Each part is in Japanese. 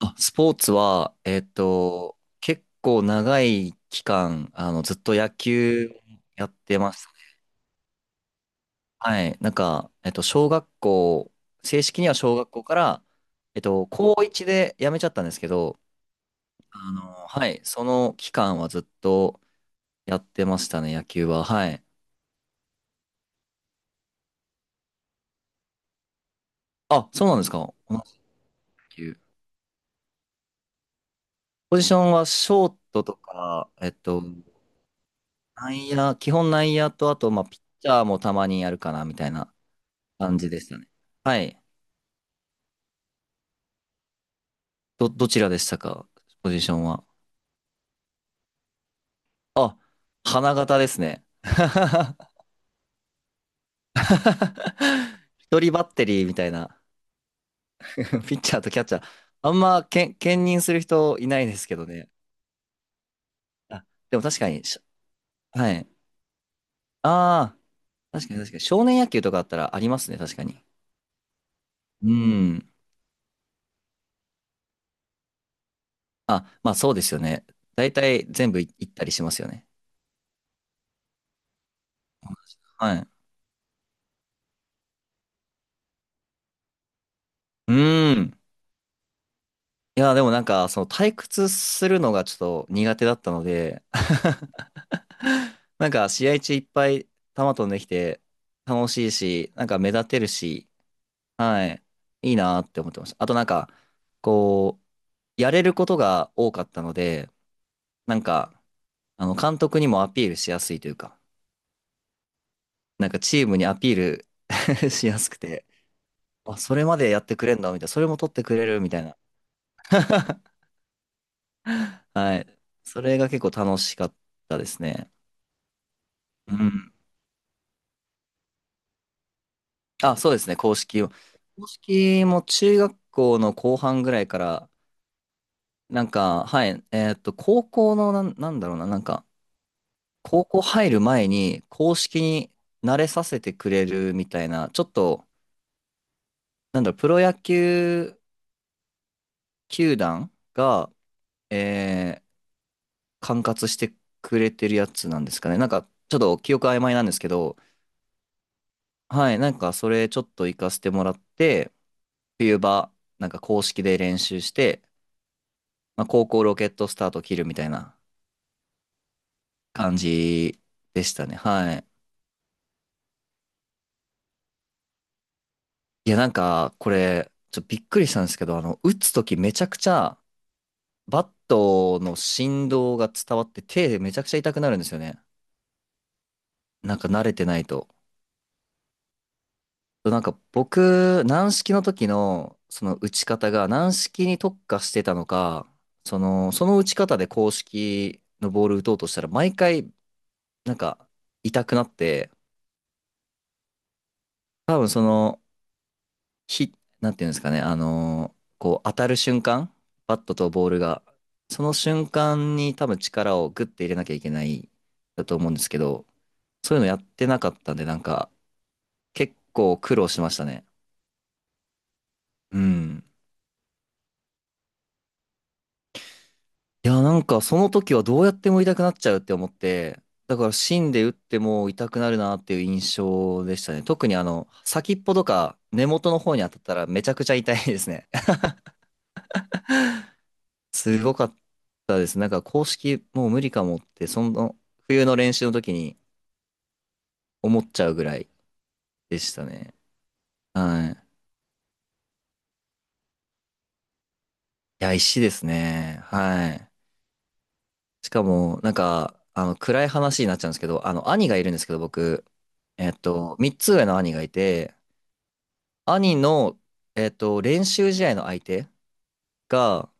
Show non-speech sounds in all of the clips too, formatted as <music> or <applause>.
あ、スポーツは、結構長い期間、ずっと野球やってます。はい。なんか、小学校、正式には小学校から、高1で辞めちゃったんですけど、はい。その期間はずっとやってましたね、野球は。はい。あ、そうなんですか。同じ野球。ポジションはショートとか、内野、基本内野と、あと、まあ、ピッチャーもたまにやるかな、みたいな感じでしたね。はい。どちらでしたか、ポジションは？あ、花形ですね。<laughs> 一人バッテリーみたいな。<laughs> ピッチャーとキャッチャー。あんまけん、兼任する人いないですけどね。あ、でも確かに、はい。ああ、確かに確かに。少年野球とかあったらありますね、確かに。うん。あ、まあそうですよね。大体全部行ったりしますよね。はい。うん。いや、でもなんか、その退屈するのがちょっと苦手だったので。 <laughs> なんか試合中いっぱい球飛んできて楽しいし、なんか目立てるし、はい、いいなーって思ってました。あとなんか、こう、やれることが多かったので、なんか、監督にもアピールしやすいというか、なんかチームにアピール <laughs> しやすくて、あ、それまでやってくれんだ、みたいな、それも取ってくれる、みたいな。<laughs> はい。それが結構楽しかったですね。うん。あ、そうですね、公式を。公式も中学校の後半ぐらいから、なんか、はい、高校のなんだろうな、なんか、高校入る前に公式に慣れさせてくれるみたいな、ちょっと、なんだろう、プロ野球球団が、えー管轄してくれてるやつなんですかね。なんか、ちょっと記憶曖昧なんですけど、はい、なんか、それちょっと行かせてもらって、冬場、なんか公式で練習して、まあ、高校ロケットスタート切るみたいな感じでしたね。はい。いや、なんか、これ、ちょっとびっくりしたんですけど、打つときめちゃくちゃ、バットの振動が伝わって、手でめちゃくちゃ痛くなるんですよね。なんか慣れてないと。なんか僕、軟式の時の、その打ち方が軟式に特化してたのか、その打ち方で公式のボール打とうとしたら、毎回、なんか、痛くなって、多分その、ひ、なんていうんですかね、こう当たる瞬間、バットとボールが、その瞬間に多分力をグッて入れなきゃいけないだと思うんですけど、そういうのやってなかったんで、なんか結構苦労しましたね。うん。いや、なんかその時はどうやっても痛くなっちゃうって思って、だから芯で打っても痛くなるなっていう印象でしたね。特に先っぽとか根元の方に当たったらめちゃくちゃ痛いですね。すごかったです。なんか公式もう無理かもって、その冬の練習の時に思っちゃうぐらいでしたね。はい。いや、石ですね。はい。しかも、なんか、暗い話になっちゃうんですけど、兄がいるんですけど、僕、3つ上の兄がいて、兄の、練習試合の相手が、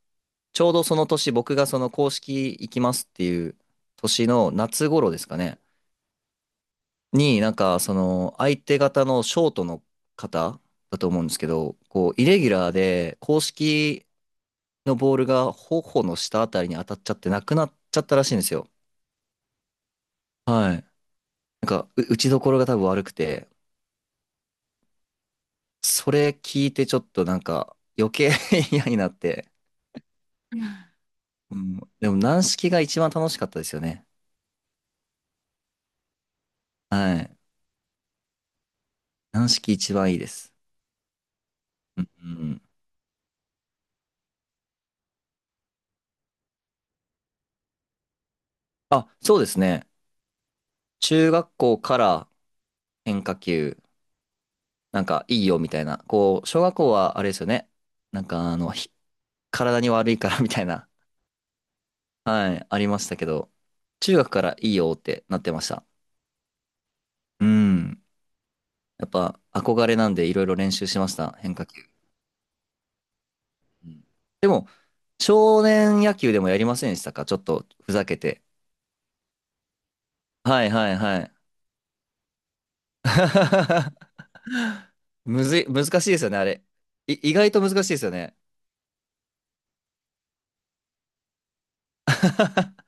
ちょうどその年、僕がその公式行きますっていう年の夏頃ですかね。に、なんか、その、相手方のショートの方だと思うんですけど、こう、イレギュラーで、公式のボールが頬の下あたりに当たっちゃってなくなっちゃったらしいんですよ。はい。なんか、打ちどころが多分悪くて、それ聞いてちょっとなんか、余計 <laughs> 嫌になって、うん、でも、軟式が一番楽しかったですよね。はい。軟式一番いいです。うん、うん。あ、そうですね。中学校から変化球。なんかいいよみたいな。こう、小学校はあれですよね。なんか体に悪いからみたいな。はい、ありましたけど、中学からいいよってなってました。うん。やっぱ憧れなんでいろいろ練習しました。変化球。うんでも、少年野球でもやりませんでしたか、ちょっとふざけて。はいはいはい。<laughs> むずい、難しいですよね、あれ。意外と難しいですよね。<laughs>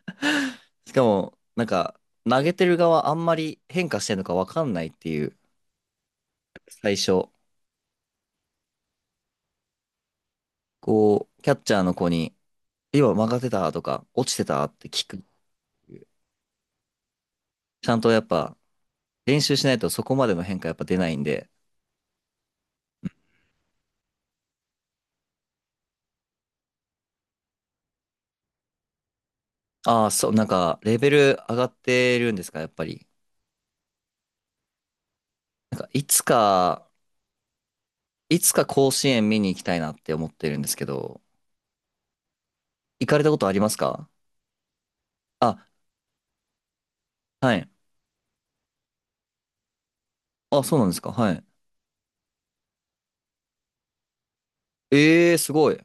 しかも、なんか、投げてる側あんまり変化してんのかわかんないっていう、最初。こう、キャッチャーの子に、今曲がってたとか、落ちてたって聞く。ちゃんとやっぱ、練習しないとそこまでの変化やっぱ出ないんで。ああ、そう、なんか、レベル上がってるんですか、やっぱり。なんか、いつか甲子園見に行きたいなって思ってるんですけど、行かれたことありますかあ？はい。あ、そうなんですか、はい。ええー、すごい。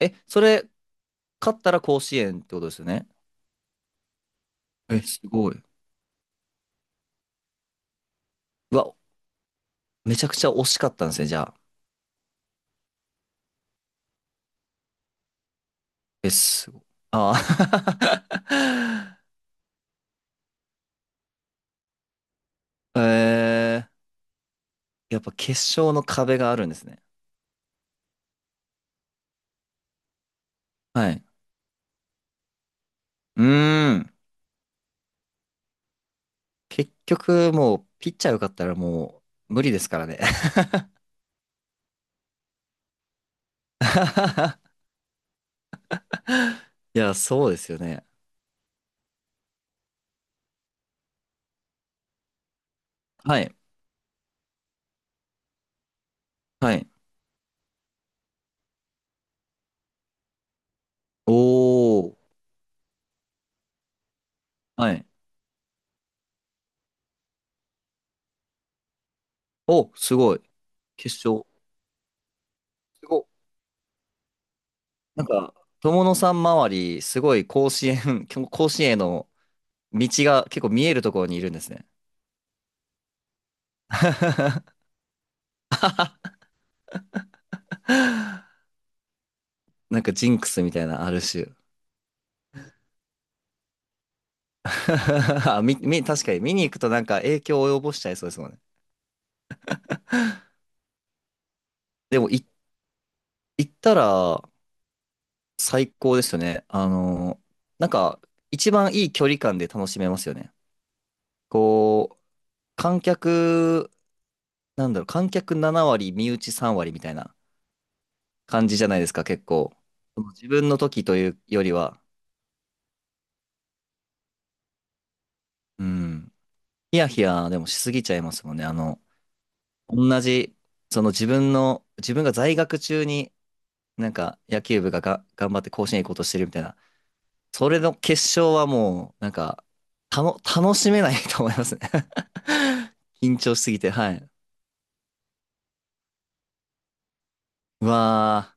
え、それ、勝ったら甲子園ってことですよね。え、すごい。うわ、めちゃくちゃ惜しかったんですね、じゃあ。え、ああ。 <laughs> やっぱ決勝の壁があるんですね。はい。うーん。結局、もう、ピッチャーよかったらもう、無理ですからね。<laughs> いや、そうですよね。はい。はい。おー。はい。お、すごい。決勝。すごい。なんか、友野さん周り、すごい甲子園、<laughs> 甲子園への道が結構見えるところにいるんですね。<laughs> なんかジンクスみたいな、ある種。<laughs> あみ、み、確かに見に行くとなんか影響を及ぼしちゃいそうですもんね。でも、行ったら最高ですよね。なんか、一番いい距離感で楽しめますよね。こう、観客、なんだろう、観客7割、身内3割みたいな感じじゃないですか、結構。その自分の時というよりは、うん。ヒヤヒヤでもしすぎちゃいますもんね、同じ、その自分の、自分が在学中になんか野球部が頑張って甲子園行こうとしてるみたいな、それの決勝はもう、なんか、楽しめない <laughs> と思いますね。 <laughs> 緊張しすぎて、はい。うわー、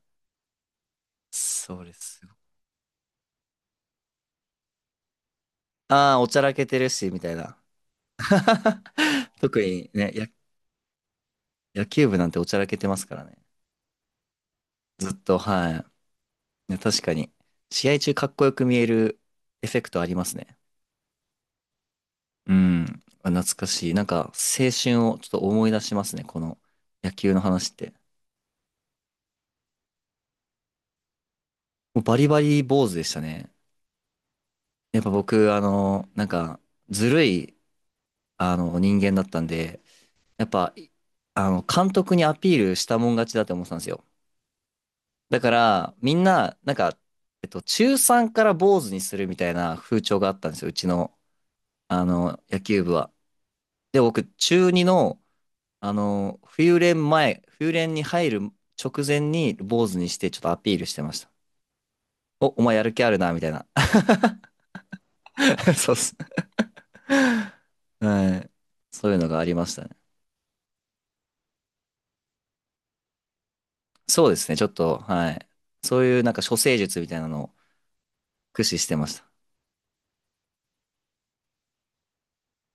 そうです。ああ、おちゃらけてるし、みたいな。<laughs> 特にね、野球部なんておちゃらけてますからね。ずっと、はい。ね、確かに。試合中かっこよく見えるエフェクトありますね。うん。あ、懐かしい。なんか、青春をちょっと思い出しますね、この野球の話って。もうバリバリ坊主でしたね。やっぱ僕、なんか、ずるい、人間だったんで、やっぱ、いあの、監督にアピールしたもん勝ちだって思ってたんですよ。だから、みんな、なんか、中3から坊主にするみたいな風潮があったんですよ、うちの、野球部は。で、僕、中2の冬練前、冬練に入る直前に坊主にしてちょっとアピールしてました。お前やる気あるな、みたいな。<laughs> そうっす。はい。そういうのがありましたね。そうですね、ちょっと、はい。そういうなんか処世術みたいなのを駆使してました。